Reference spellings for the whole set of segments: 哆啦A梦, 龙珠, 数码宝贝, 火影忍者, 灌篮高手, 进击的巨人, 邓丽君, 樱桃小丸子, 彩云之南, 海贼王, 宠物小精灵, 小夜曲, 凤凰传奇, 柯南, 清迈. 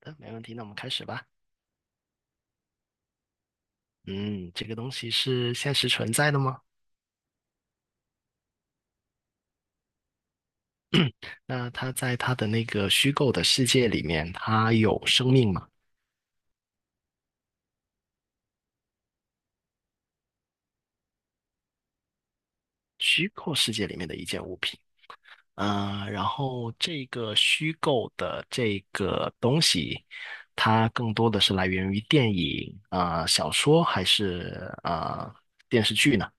嗯，没问题，那我们开始吧。嗯，这个东西是现实存在的吗？那它在它的那个虚构的世界里面，它有生命吗？虚构世界里面的一件物品。然后这个虚构的这个东西，它更多的是来源于电影、小说，还是电视剧呢？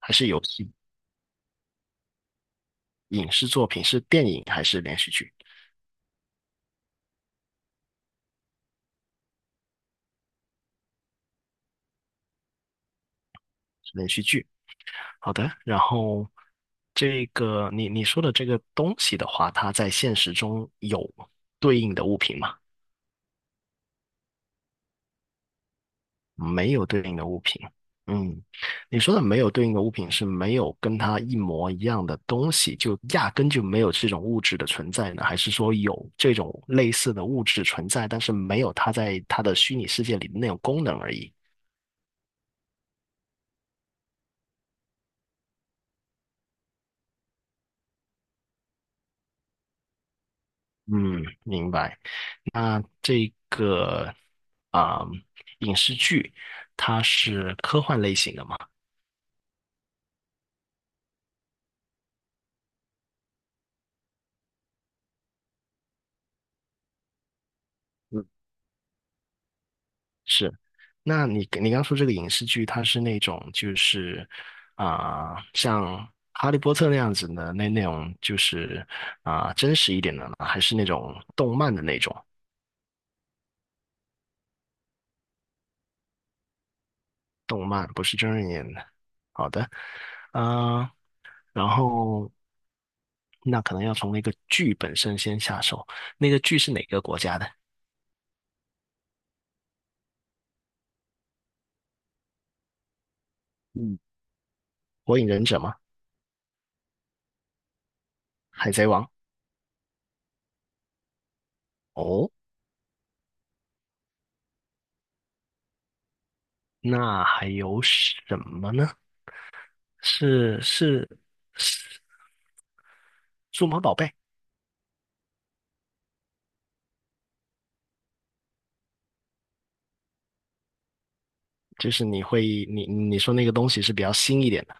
还是游戏、影视作品？是电影还是连续剧？是连续剧。好的，然后这个你说的这个东西的话，它在现实中有对应的物品吗？没有对应的物品。嗯，你说的没有对应的物品是没有跟它一模一样的东西，就压根就没有这种物质的存在呢？还是说有这种类似的物质存在，但是没有它在它的虚拟世界里的那种功能而已？嗯，明白。那这个啊、影视剧，它是科幻类型的嘛？嗯，是。那你刚说这个影视剧，它是那种就是像《哈利波特》那样子的那种，就是真实一点的呢，还是那种动漫的那种？动漫不是真人演的。好的，嗯、然后那可能要从那个剧本身先下手。那个剧是哪个国家的？嗯，《火影忍者》吗？海贼王。哦，那还有什么呢？是数码宝贝，就是你会你说那个东西是比较新一点的，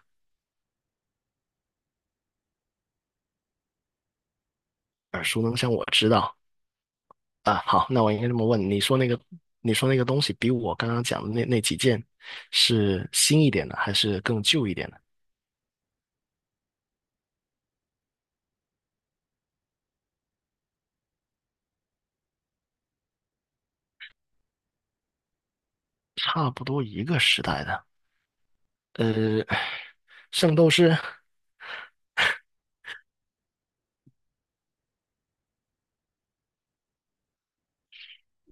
耳熟能详，我知道啊。好，那我应该这么问，你说那个东西比我刚刚讲的那几件是新一点的，还是更旧一点的？差不多一个时代的。呃，圣斗士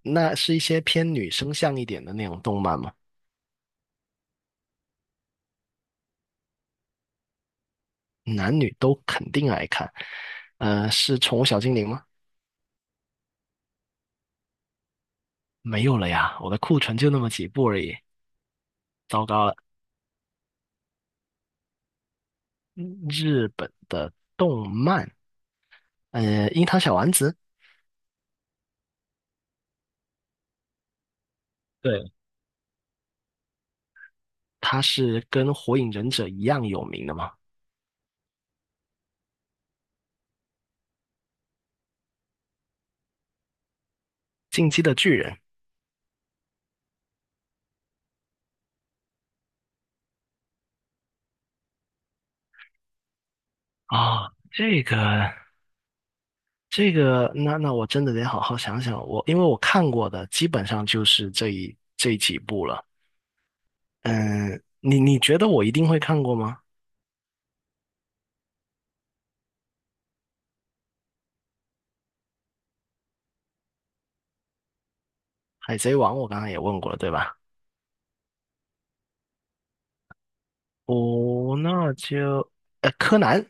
那是一些偏女生向一点的那种动漫吗？男女都肯定爱看。呃，是宠物小精灵吗？没有了呀，我的库存就那么几部而已。糟糕了，日本的动漫，呃，樱桃小丸子，对，它是跟火影忍者一样有名的吗？进击的巨人啊，这个，那我真的得好好想想。我因为我看过的基本上就是这几部了。嗯，你觉得我一定会看过吗？海贼王我刚刚也问过了，对吧？哦，那就呃，柯南，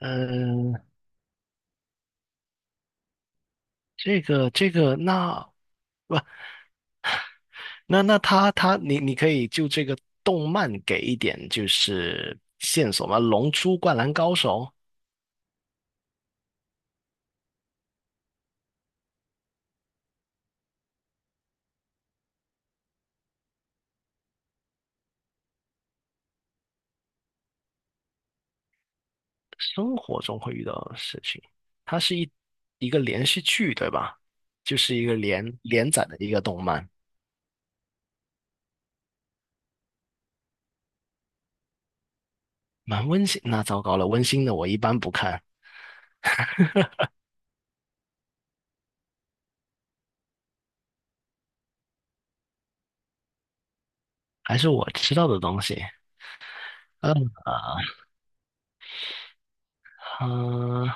嗯。这个那不那那他他你可以就这个动漫给一点就是线索吗？《龙珠》《灌篮高手》生活中会遇到的事情，它是一个连续剧对吧？就是一个连载的一个动漫，蛮温馨。那糟糕了，温馨的我一般不看，还是我知道的东西。嗯啊，呃，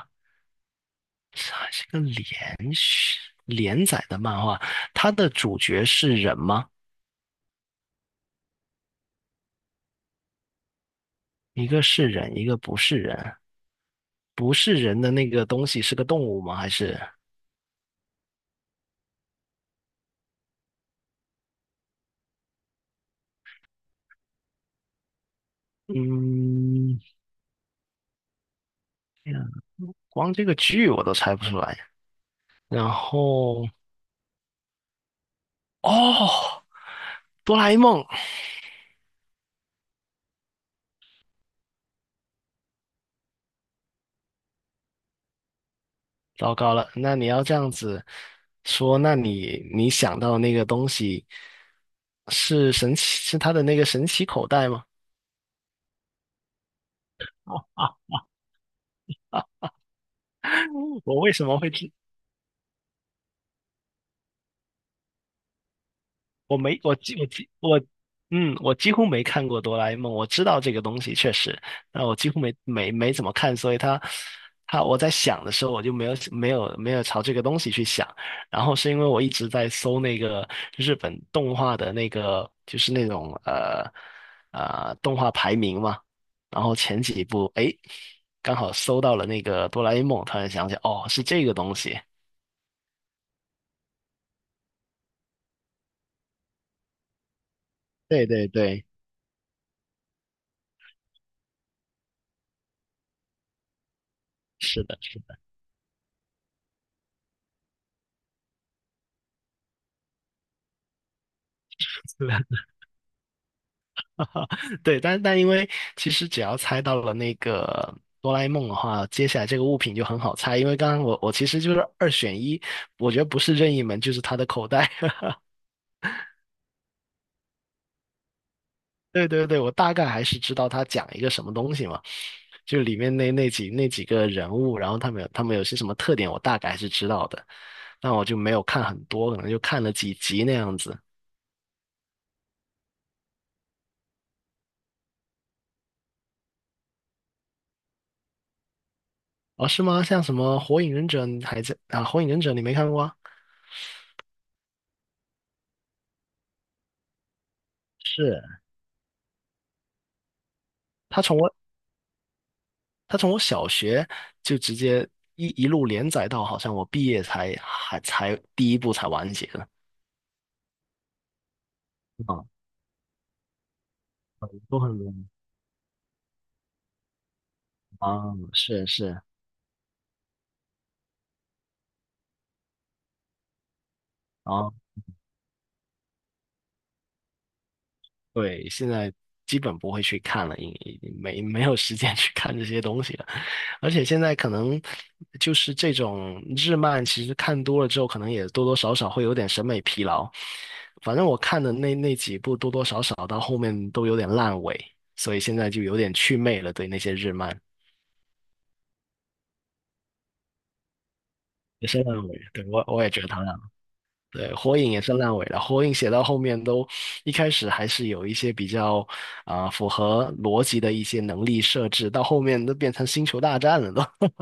这还是个连载的漫画，它的主角是人吗？一个是人，一个不是人。不是人的那个东西是个动物吗？还是嗯，光这个剧我都猜不出来。然后哦，哆啦 A 梦，糟糕了。那你要这样子说，那你想到那个东西是神奇，是它的那个神奇口袋吗？我为什么会知？我没，我几乎没看过哆啦 A 梦。我知道这个东西确实，但我几乎没怎么看，所以它它我在想的时候，我就没有朝这个东西去想。然后是因为我一直在搜那个日本动画的那个，就是那种动画排名嘛。然后前几部，哎，刚好搜到了那个哆啦 A 梦，突然想起，哦，是这个东西。对，是的，的对，但但因为其实只要猜到了那个哆啦 A 梦的话，接下来这个物品就很好猜。因为刚刚我其实就是二选一，我觉得不是任意门就是他的口袋。对，我大概还是知道他讲一个什么东西嘛，就里面那几个人物，然后他们有他们有些什么特点，我大概还是知道的。但我就没有看很多，可能就看了几集那样子。哦，是吗？像什么《火影忍者》，你还在啊？《火影忍者》你没看过啊？是。他从它从我小学就直接一路连载到好像我毕业才还才第一部才完结的啊，都很多啊，是啊，对，现在基本不会去看了，因已经没有时间 去看这些东西了，而且现在可能就是这种日漫，其实看多了之后，可能也多多少少会有点审美疲劳。反正我看的那几部，多多少少到后面都有点烂尾，所以现在就有点祛魅了，对那些日漫。也是烂尾，对，我也觉得他烂。对，火影也是烂尾了。火影写到后面都，一开始还是有一些比较符合逻辑的一些能力设置，到后面都变成星球大战了都。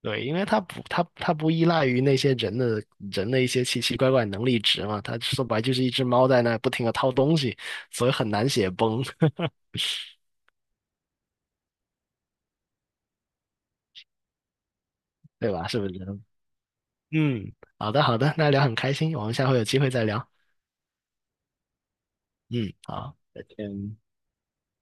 对，因为它不，它不依赖于那些人的一些奇奇怪怪能力值嘛，它说白就是一只猫在那不停的掏东西，所以很难写崩，对吧？是不是？嗯，好的，那聊很开心，我们下回有机会再聊。嗯，好，再见。